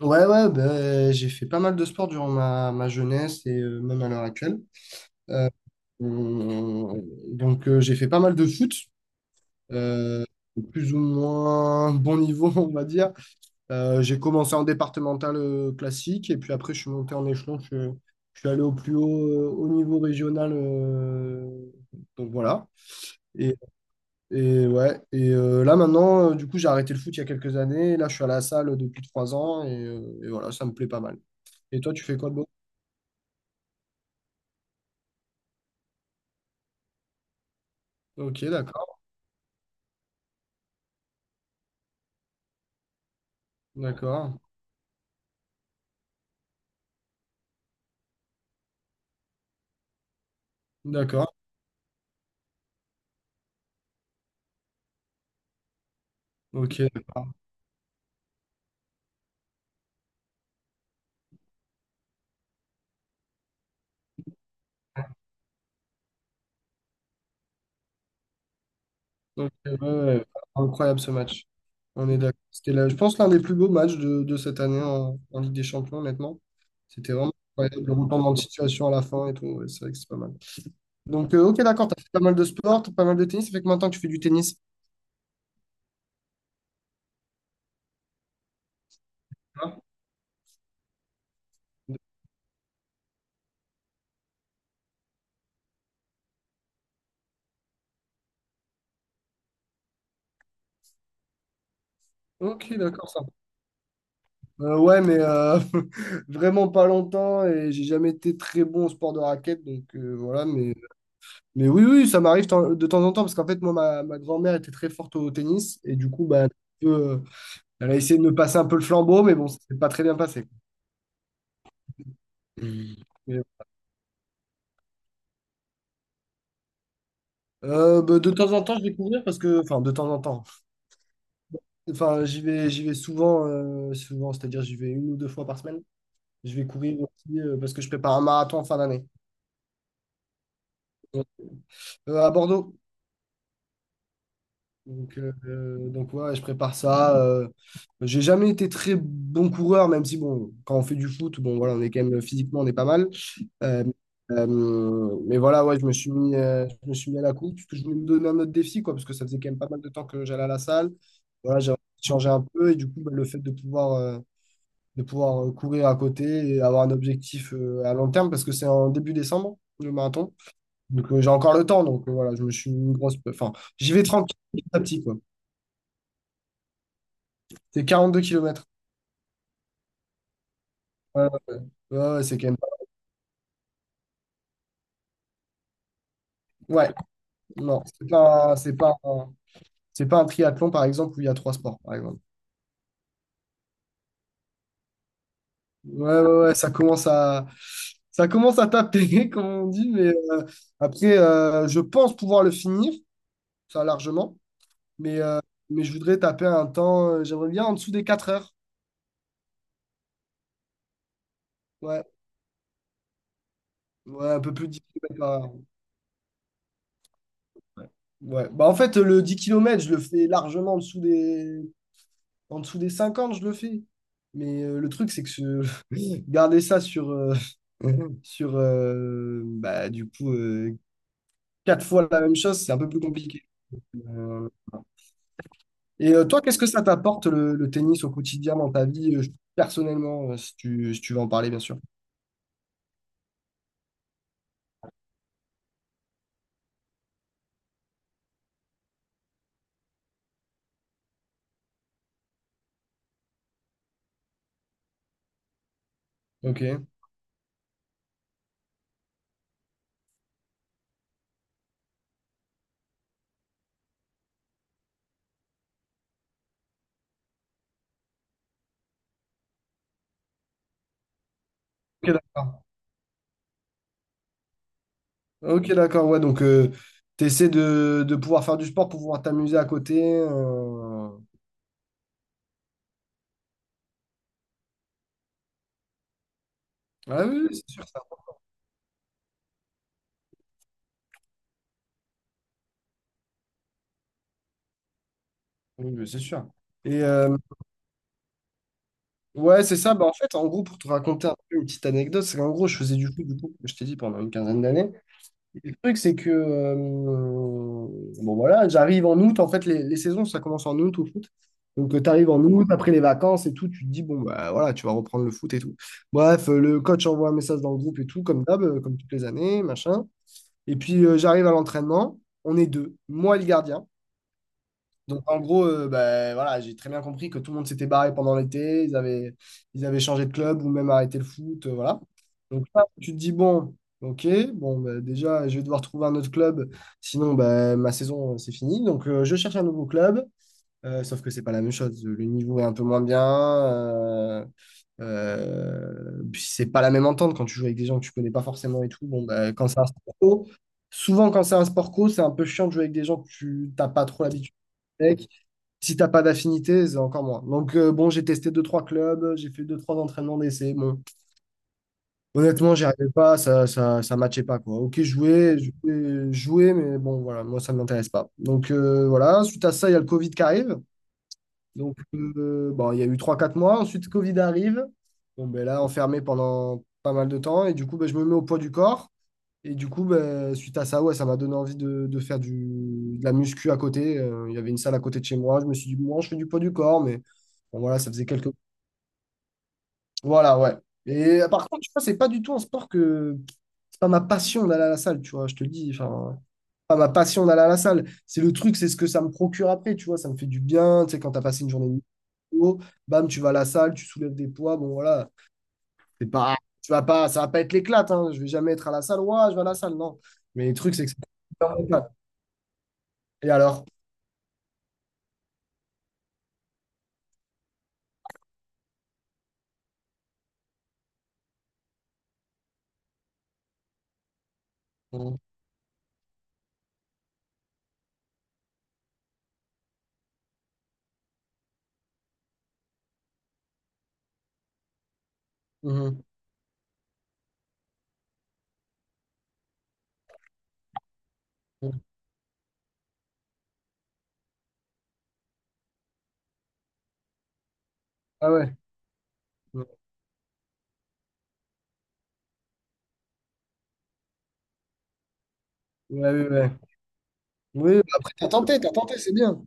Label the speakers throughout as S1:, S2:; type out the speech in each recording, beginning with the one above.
S1: Ouais, ouais, ben, j'ai fait pas mal de sport durant ma jeunesse et même à l'heure actuelle. Euh, on- donc, j'ai fait pas mal de foot, euh, plus ou moins bon niveau, on va dire. J'ai commencé en départemental classique et puis après, je suis monté en échelon. Je suis allé au plus haut, au niveau régional. Donc, voilà. Et, et ouais, et là, maintenant, du coup, j'ai arrêté le foot il y a quelques années. Là, je suis à la salle depuis 3 ans et voilà, ça me plaît pas mal. Et toi, tu fais quoi de beau? Ok, d'accord, d'accord, d'accord, ok, d'accord. Ok, ouais, ouais, ouais, incroyable ce match. On est d'accord. C'était là, je pense l'un des plus beaux matchs de cette année en Ligue des Champions, honnêtement. C'était vraiment incroyable, le retournement de situation à la fin et tout. Ouais, c'est vrai que c'est pas mal. Donc, ok, d'accord, t'as fait pas mal de sport, t'as pas mal de tennis. Ça fait que maintenant que tu fais du tennis. Hein. Ok, d'accord, ça. Ouais, mais vraiment pas longtemps et j'ai jamais été très bon au sport de raquette, donc voilà, mais oui, oui, ça m'arrive de temps en temps, parce qu'en fait, moi, ma grand-mère était très forte au tennis, et du coup, bah, un peu, elle a essayé de me passer un peu le flambeau, mais bon, ça s'est pas très bien passé. Hmm. Mais, bah, de temps en temps, je vais courir, parce que, enfin, de temps en temps, enfin, j'y vais souvent, c'est-à-dire, j'y vais une ou deux fois par semaine. Je vais courir aussi, parce que je prépare un marathon en fin d'année, à Bordeaux. Donc ouais, je prépare ça. J'ai jamais été très bon coureur, même si, bon, quand on fait du foot, bon, voilà, on est quand même physiquement, on est pas mal. Euh, mais voilà, ouais, je me suis mis, je me suis mis à la course parce que je voulais me donner un autre défi, quoi, parce que ça faisait quand même pas mal de temps que j'allais à la salle. Voilà, j'ai changé un peu et du coup, bah, le fait de pouvoir courir à côté et avoir un objectif à long terme, parce que c'est en début décembre, le marathon. Donc, j'ai encore le temps. Donc, voilà, je me suis mis une grosse. Enfin, j'y vais tranquille petit à petit, quoi. C'est 42 km. Ouais, ouais, ouais, ouais, c'est quand même pas. Ouais, non, c'est pas un triathlon, par exemple, où il y a trois sports, par exemple. Ouais, ouais, ouais, ça commence à taper, comme on dit, mais après, je pense pouvoir le finir, ça largement, mais, euh, mais je voudrais taper un temps, j'aimerais bien en dessous des 4 heures. Ouais, ouais, un peu plus de 10 kilomètres par heure. Ouais. Ouais. Bah, en fait, le 10 kilomètres je le fais largement en dessous des 50 je le fais. Mais le truc, c'est que garder ça sur bah, du coup, 4 fois la même chose, c'est un peu plus compliqué. Euh, Et toi, qu'est-ce que ça t'apporte le tennis au quotidien dans ta vie, personnellement, si tu veux en parler, bien sûr. Ok. Ok, d'accord. Ok, d'accord. Ouais, donc tu essaies de pouvoir faire du sport pour pouvoir t'amuser à côté. Ah oui, oui, c'est sûr ça. Oui, oui, c'est sûr. Et ouais, c'est ça. Bah, en fait, en gros, pour te raconter un peu une petite anecdote, c'est qu'en gros, je faisais du foot, du coup, comme je t'ai dit, pendant une quinzaine d'années. Et le truc, c'est que, bon voilà, j'arrive en août. En fait, les saisons, ça commence en août au foot. Donc, tu arrives en août, après les vacances et tout, tu te dis, bon, bah voilà, tu vas reprendre le foot et tout. Bref, le coach envoie un message dans le groupe et tout, comme d'hab, comme toutes les années, machin. Et puis, j'arrive à l'entraînement. On est deux. Moi, et le gardien. Donc, en gros, ben, voilà, j'ai très bien compris que tout le monde s'était barré pendant l'été, ils avaient changé de club ou même arrêté le foot, voilà. Donc là, tu te dis, bon, ok, bon, ben, déjà, je vais devoir trouver un autre club, sinon ben, ma saison, c'est fini. Donc, je cherche un nouveau club, sauf que c'est pas la même chose. Le niveau est un peu moins bien, puis c'est pas la même entente quand tu joues avec des gens que tu connais pas forcément et tout. Bon, ben, quand c'est un sport co, souvent quand c'est un sport co, c'est un peu chiant de jouer avec des gens que tu t'as pas trop l'habitude. Avec. Si t'as pas d'affinité, c'est encore moins. Donc bon, j'ai testé deux, trois clubs, j'ai fait deux, trois entraînements d'essai. Bon, honnêtement, j'y arrivais pas, ça matchait pas, quoi. Ok, jouer, jouer, jouer, mais bon, voilà, moi, ça m'intéresse pas. Donc voilà, suite à ça, il y a le Covid qui arrive. Donc bon, il y a eu trois, quatre mois. Ensuite, Covid arrive. Bon, ben là, enfermé pendant pas mal de temps. Et du coup, ben, je me mets au poids du corps. Et du coup, ben, suite à ça, ouais, ça m'a donné envie de faire du, de la muscu à côté. Il y avait une salle à côté de chez moi. Je me suis dit, bon, je fais du poids du corps, mais bon, voilà, ça faisait quelques. Voilà, ouais. Et par contre, tu vois, c'est pas du tout un sport que. C'est pas ma passion d'aller à la salle, tu vois, je te le dis. Enfin, c'est pas ma passion d'aller à la salle. C'est le truc, c'est ce que ça me procure après, tu vois, ça me fait du bien. Tu sais, quand t'as passé une journée de boulot, bam, tu vas à la salle, tu soulèves des poids, bon, voilà. C'est pas, tu vas pas, ça va pas être l'éclate, hein. Je vais jamais être à la salle. Ouais, je vais à la salle, non. Mais le truc, c'est que c'est pas l'éclate. Et alors? Mhm. Mhm. Ah ouais. Mmh. Ouais, ouais, ouais. Oui, bah après, t'as tenté, c'est bien.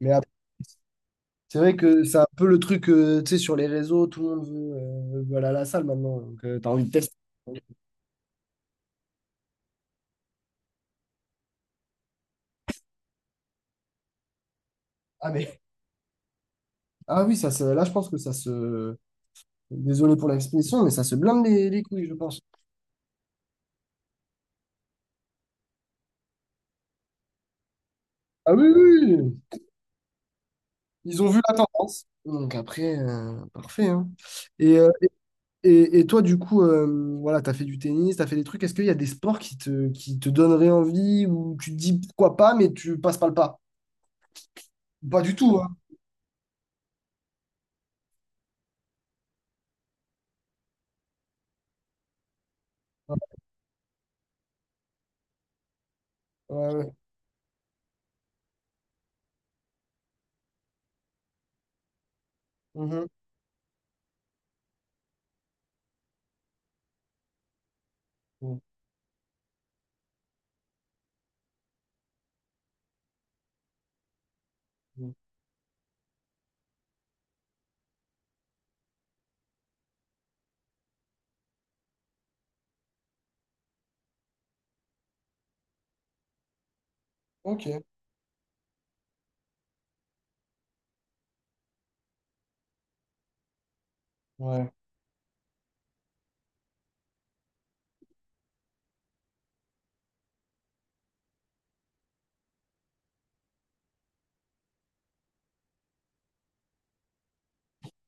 S1: Mais après, c'est vrai que c'est un peu le truc, tu sais, sur les réseaux, tout le monde veut aller à la salle maintenant. Donc, t'as envie de tester. Ah, mais, ah oui, ça se, là, je pense que ça se. Désolé pour l'expression, mais ça se blinde les couilles, je pense. Ah oui, oui. Oui. Ils ont vu la tendance. Donc après, parfait. Hein. Et, et toi, du coup, voilà, tu as fait du tennis, tu as fait des trucs. Est-ce qu'il y a des sports qui te donneraient envie ou tu te dis pourquoi pas, mais tu passes pas le pas? Pas du tout, hein. Ouais, ouais. Mhm. Mhm. Mhm. Ok, ouais.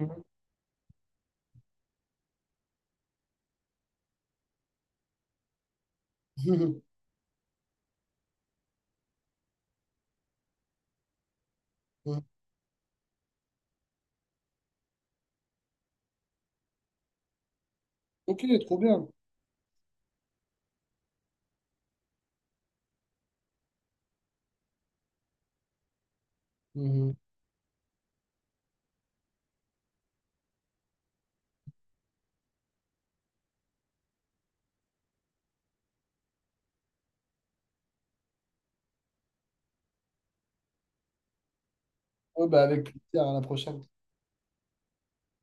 S1: Mhm. Mhm. Ok, trop bien. Mhm. Ouais, bah avec plaisir, à la prochaine.